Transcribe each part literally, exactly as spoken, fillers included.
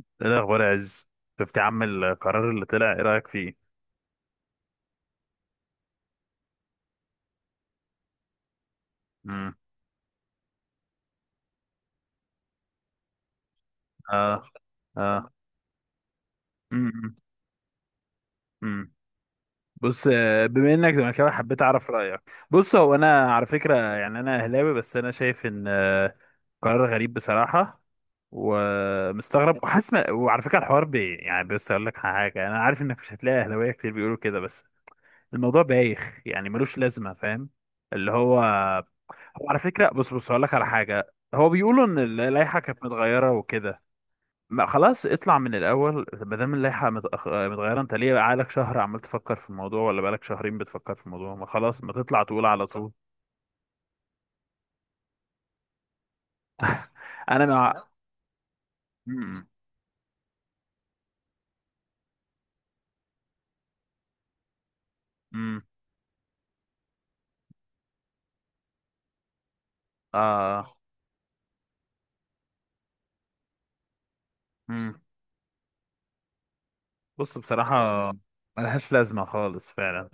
ايه الاخبار يا عز؟ شفت يا عم القرار اللي طلع، ايه رايك فيه؟ امم اه. اه. امم امم بص، آه، بما انك زملكاوي حبيت اعرف رايك. بص، هو انا على فكره يعني انا اهلاوي، بس انا شايف ان آه، قرار غريب بصراحه، ومستغرب وحاسس، ما- وعلى فكره الحوار بي يعني. بص اقول لك حاجه، انا عارف انك مش هتلاقي اهلاويه كتير بيقولوا كده، بس الموضوع بايخ يعني، ملوش لازمه، فاهم؟ اللي هو هو على فكره بص بص هقول لك على حاجه، هو بيقولوا ان اللائحه كانت متغيره وكده. ما خلاص اطلع من الاول، ما دام اللائحه متأخ- متغيره، انت ليه بقالك شهر عمال تفكر في الموضوع، ولا بقالك شهرين بتفكر في الموضوع؟ ما خلاص، ما تطلع تقول على طول. انا مع. امم. امم. اه. امم. بص بصراحه ملهاش لازمه خالص فعلا.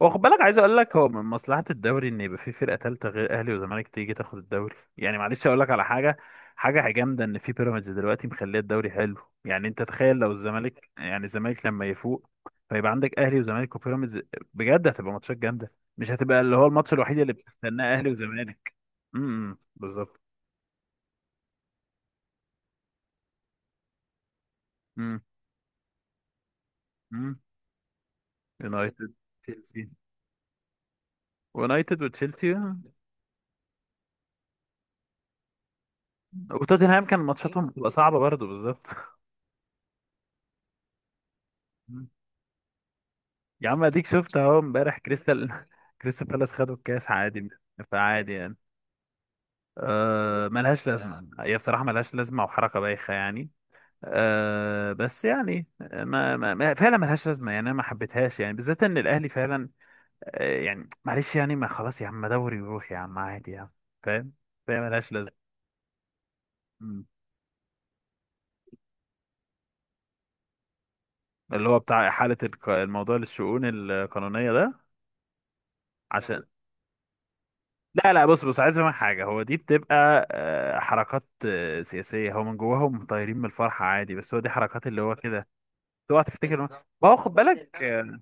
واخد بالك، عايز اقول لك، هو من مصلحة الدوري ان يبقى في فرقة تالتة غير اهلي وزمالك تيجي تاخد الدوري يعني. معلش اقول لك على حاجة، حاجة جامدة ان في بيراميدز دلوقتي مخليه الدوري حلو. يعني انت تخيل لو الزمالك يعني الزمالك لما يفوق، فيبقى عندك اهلي وزمالك وبيراميدز، بجد هتبقى ماتشات جامدة، مش هتبقى اللي هو الماتش الوحيد اللي بتستناه اهلي وزمالك. امم. إمم، بالظبط. امم. امم. يونايتد. تشيلسي. يونايتد وتشيلسي. وتوتنهام كان ماتشاتهم بتبقى صعبة برضه، بالظبط. يا عم اديك شفت اهو امبارح كريستال كريستال بالاس خدوا الكاس عادي. فعادي يعني. أه، ملهاش لازمه هي بصراحه، ملهاش لازمه وحركه بايخه يعني. أه، بس يعني ما, ما ما- فعلا ملهاش لازمه يعني، انا ما حبيتهاش يعني، بالذات ان الاهلي فعلا. أه يعني معلش يعني، ما خلاص يا عم، ما دوري يروح يا عم، عادي يا عم. فاهم. فاهم ملهاش لازمه. مم. اللي هو بتاع احاله الق- الموضوع للشؤون القانونيه ده. عشان. لا لا، بص بص عايز افهم حاجه، هو دي بتبقى آه، حركات آه، سياسيه، هو من جواهم طايرين من الفرحه عادي، بس هو دي حركات اللي هو كده. اوعى تفتكر إن هو، ما هو خد بالك آه،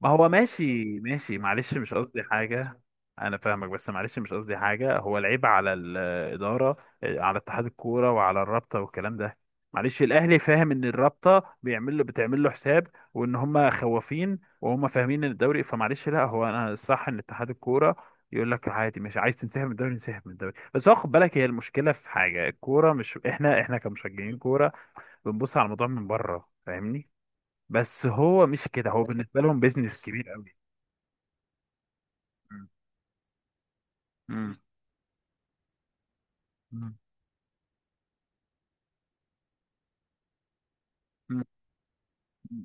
ما هو ماشي ماشي، معلش مش قصدي حاجة. أنا فاهمك، بس معلش مش قصدي حاجة، هو العيب على الإدارة، على اتحاد الكورة وعلى الرابطة والكلام ده. معلش الأهلي فاهم إن الرابطة بيعمل له، بتعمل له حساب، وإن هما خوافين وهما فاهمين إن الدوري، فمعلش. لا هو أنا الصح إن اتحاد الكورة يقول لك عادي، مش عايز تنسحب من الدوري انسحب من الدوري، بس هو خد بالك، هي المشكلة في حاجة، الكورة مش إحنا، إحنا كمشجعين كورة بنبص على الموضوع من بره، فاهمني؟ بس هو مش كده، هو بالنسبة لهم بيزنس كبير قوي. مم. مم. مم. مم.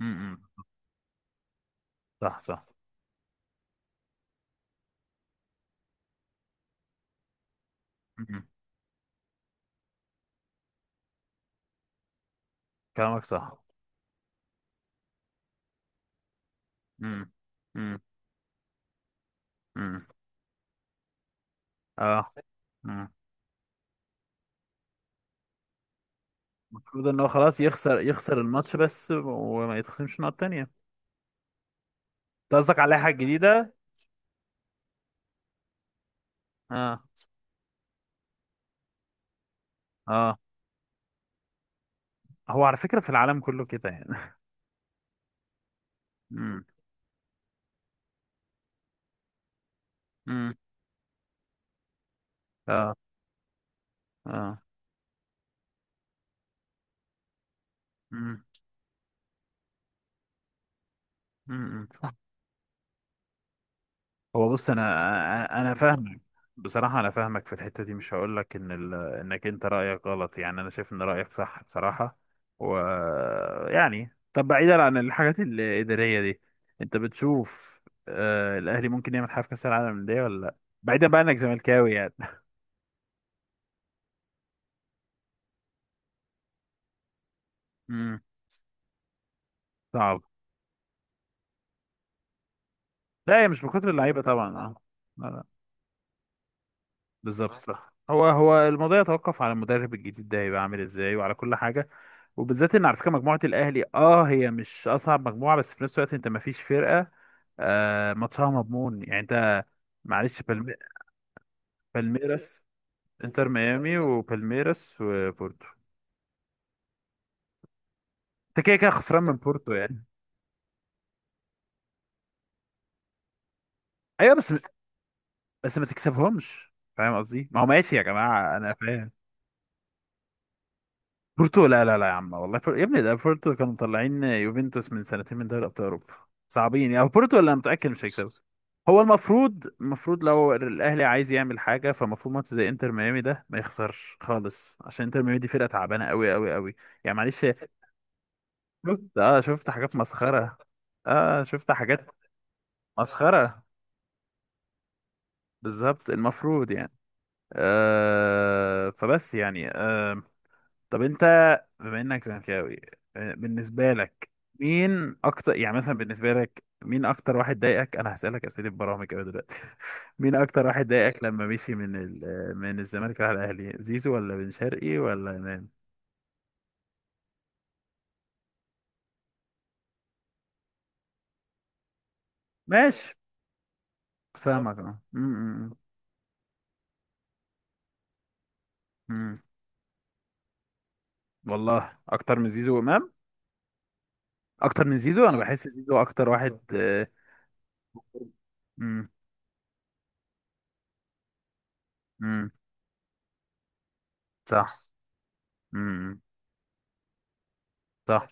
مم. صح صح. مم. كلامك صح. مم. مم. مم. اه. مم. المفروض ان هو خلاص يخسر، يخسر الماتش بس، وما يتخصمش نقط تانية انت. قصدك على حاجة جديدة. اه. اه. هو على فكرة في العالم كله كده يعني. مم. مم. اه. اه. مم. مم. هو بص انا انا أنا فاهمك. بصراحه انا فاهمك في الحته دي، مش هقول لك ان ال... انك انت رايك غلط، يعني انا شايف ان رايك صح بصراحه. و يعني طب بعيدا عن الحاجات الاداريه دي، انت بتشوف آه الاهلي ممكن يعمل حاجه في كاس العالم للانديه ولا لا؟ بعيدا بقى انك زملكاوي يعني. امم. صعب. لا، هي مش بكتر اللعيبه طبعا. اه. بالظبط صح، هو هو الموضوع يتوقف على المدرب الجديد ده هيبقى عامل ازاي وعلى كل حاجه. وبالذات ان على فكره مجموعه الاهلي، اه هي مش اصعب مجموعه، بس في نفس الوقت انت، ما فيش فرقه آه ماتشها مضمون يعني. انت معلش بالمي... بالميراس. انتر ميامي وبالميراس وبورتو. انت كده كده خسران من بورتو يعني. ايوه بس، بس ما تكسبهمش، فاهم قصدي، ما هو ماشي يا جماعه انا فاهم. بورتو، لا لا لا يا عم والله، بور- يا ابني ده بورتو كانوا مطلعين يوفنتوس من سنتين من دوري ابطال اوروبا، صعبين يعني بورتو. ولا متاكد مش هيكسبوا. هو المفروض، المفروض لو الاهلي عايز يعمل حاجه، فالمفروض ماتش زي انتر ميامي ده ما يخسرش خالص، عشان انتر ميامي دي فرقه تعبانه قوي قوي قوي، يعني معلش. شفت اه شفت حاجات مسخره. اه شفت حاجات مسخره، بالظبط المفروض يعني. آه فبس يعني آه، طب انت، بما انك زملكاوي آه، بالنسبه لك، مين اكتر يعني مثلا بالنسبه لك، مين اكتر واحد ضايقك؟ انا هسالك اسئله برامج كده دلوقتي. مين اكتر واحد ضايقك لما مشي من ال... آه، من الزمالك راح الاهلي، زيزو ولا بن شرقي ولا امام؟ ماشي. اه فاهمك اه م- م- م. م. والله اكتر من زيزو وامام. اكتر من زيزو انا اه بحس زيزو اكتر واحد آه، م- م. صح. م- م. صح.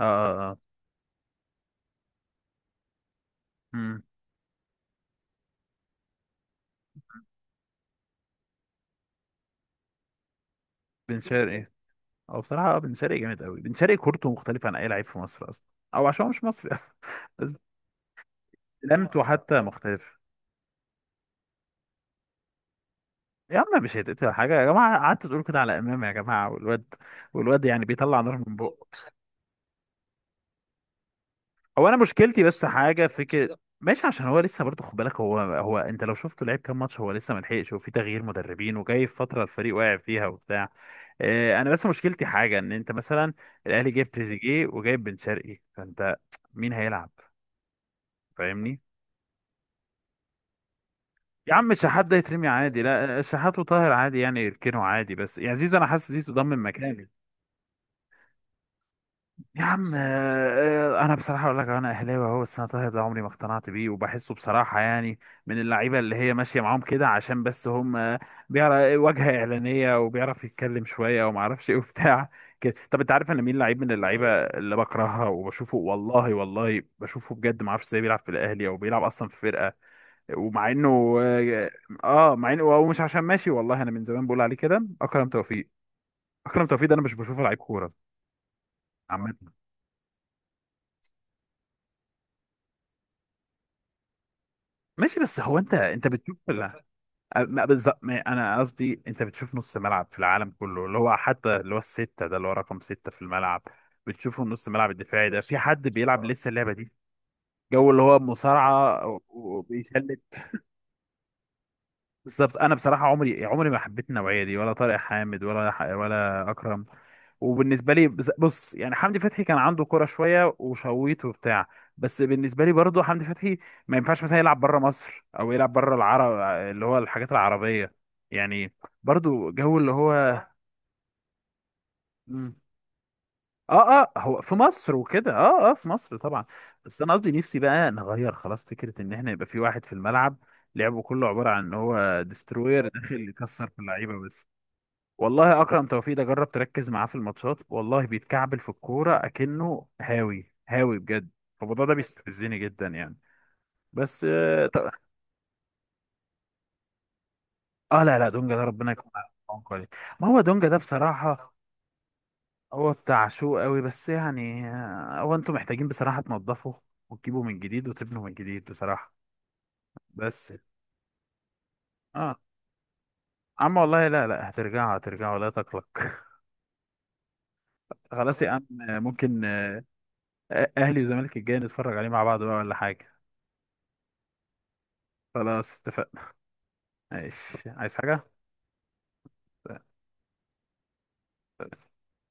اه اه اه. م. بن شرقي. هو بصراحة بن شرقي جامد قوي، بن شرقي كورته مختلفة عن أي لعيب في مصر أصلا، أو عشان هو مش مصري أصلا. بس لمته حتى مختلف. يا عم مش هيتقطع حاجة يا جماعة، قعدت تقول كده على إمام يا جماعة، والواد، والواد يعني بيطلع نار من بقه. هو أنا مشكلتي بس حاجة فكرة، ماشي عشان هو لسه برضه، خد بالك هو، هو أنت لو شفته لعب كام ماتش، هو لسه ملحقش، وفي تغيير مدربين، وجاي في فترة الفريق واقع فيها وبتاع. آه، أنا بس مشكلتي حاجة، إن أنت مثلا الأهلي جايب تريزيجيه وجايب بن شرقي، فأنت مين هيلعب؟ فاهمني. يا عم الشحات ده يترمي عادي، لا الشحات وطاهر عادي يعني يركنوا عادي، بس يعني زيزو انا حاسس زيزو ضمن مكاني. يا عم آه، آه، انا بصراحه اقول لك، انا اهلاوي اهو، بس انا طاهر ده عمري ما اقتنعت بيه وبحسه بصراحه يعني من اللعيبه اللي هي ماشيه معاهم كده عشان بس هم، آه، بيعرف واجهه اعلانيه وبيعرف يتكلم شويه وما اعرفش ايه وبتاع كده. طب انت عارف انا مين لعيب من اللعيبه اللي بكرهها وبشوفه والله والله بشوفه بجد ما اعرفش ازاي بيلعب في الاهلي او بيلعب اصلا في فرقه، ومع انه اه، مع انه هو مش عشان ماشي والله، انا من زمان بقول عليه كده، اكرم توفيق. اكرم توفيق ده انا مش بشوفه لعيب كوره عامه. ماشي بس هو انت انت بتشوف، لا ما بالظبط، ما- انا قصدي انت بتشوف نص ملعب في العالم كله اللي هو حتى اللي هو السته ده اللي هو رقم سته في الملعب، بتشوفه نص ملعب الدفاعي ده في حد بيلعب لسه اللعبه دي؟ جو اللي هو مصارعه وبيشل. بالظبط انا بصراحه عمري عمري ما حبيت النوعيه دي، ولا طارق حامد ولا ح- ولا اكرم. وبالنسبه لي بز- بص يعني حمدي فتحي كان عنده كرة شويه وشويت وبتاع، بس بالنسبه لي برضه حمدي فتحي ما ينفعش مثلا يلعب بره مصر او يلعب بره العرب، اللي هو الحاجات العربيه يعني، برضه جو اللي هو. مم. اه اه هو في مصر وكده، اه اه في مصر طبعا. بس انا قصدي نفسي بقى نغير خلاص فكره ان احنا يبقى في واحد في الملعب لعبه كله عباره عن ان هو ديستروير داخل يكسر في اللعيبه بس. والله اكرم توفيق ده جرب تركز معاه في الماتشات، والله بيتكعبل في الكوره اكنه هاوي هاوي بجد. الموضوع ده بيستفزني جدا يعني. بس اه ط- آه لا لا، دونجا ده ربنا يكون عليه، ما هو دونجا ده بصراحه هو بتاع شو قوي، بس يعني آه، هو انتوا محتاجين بصراحه تنضفوا وتجيبوا من جديد وتبنوا من جديد بصراحه. بس اه عم والله لا لا هترجعوا هترجعوا لا تقلق. خلاص يا عم آه، ممكن آه، اهلي وزمالك الجاي نتفرج عليه مع بعض بقى ولا حاجه. خلاص اتفقنا. ماشي. عايز حاجة؟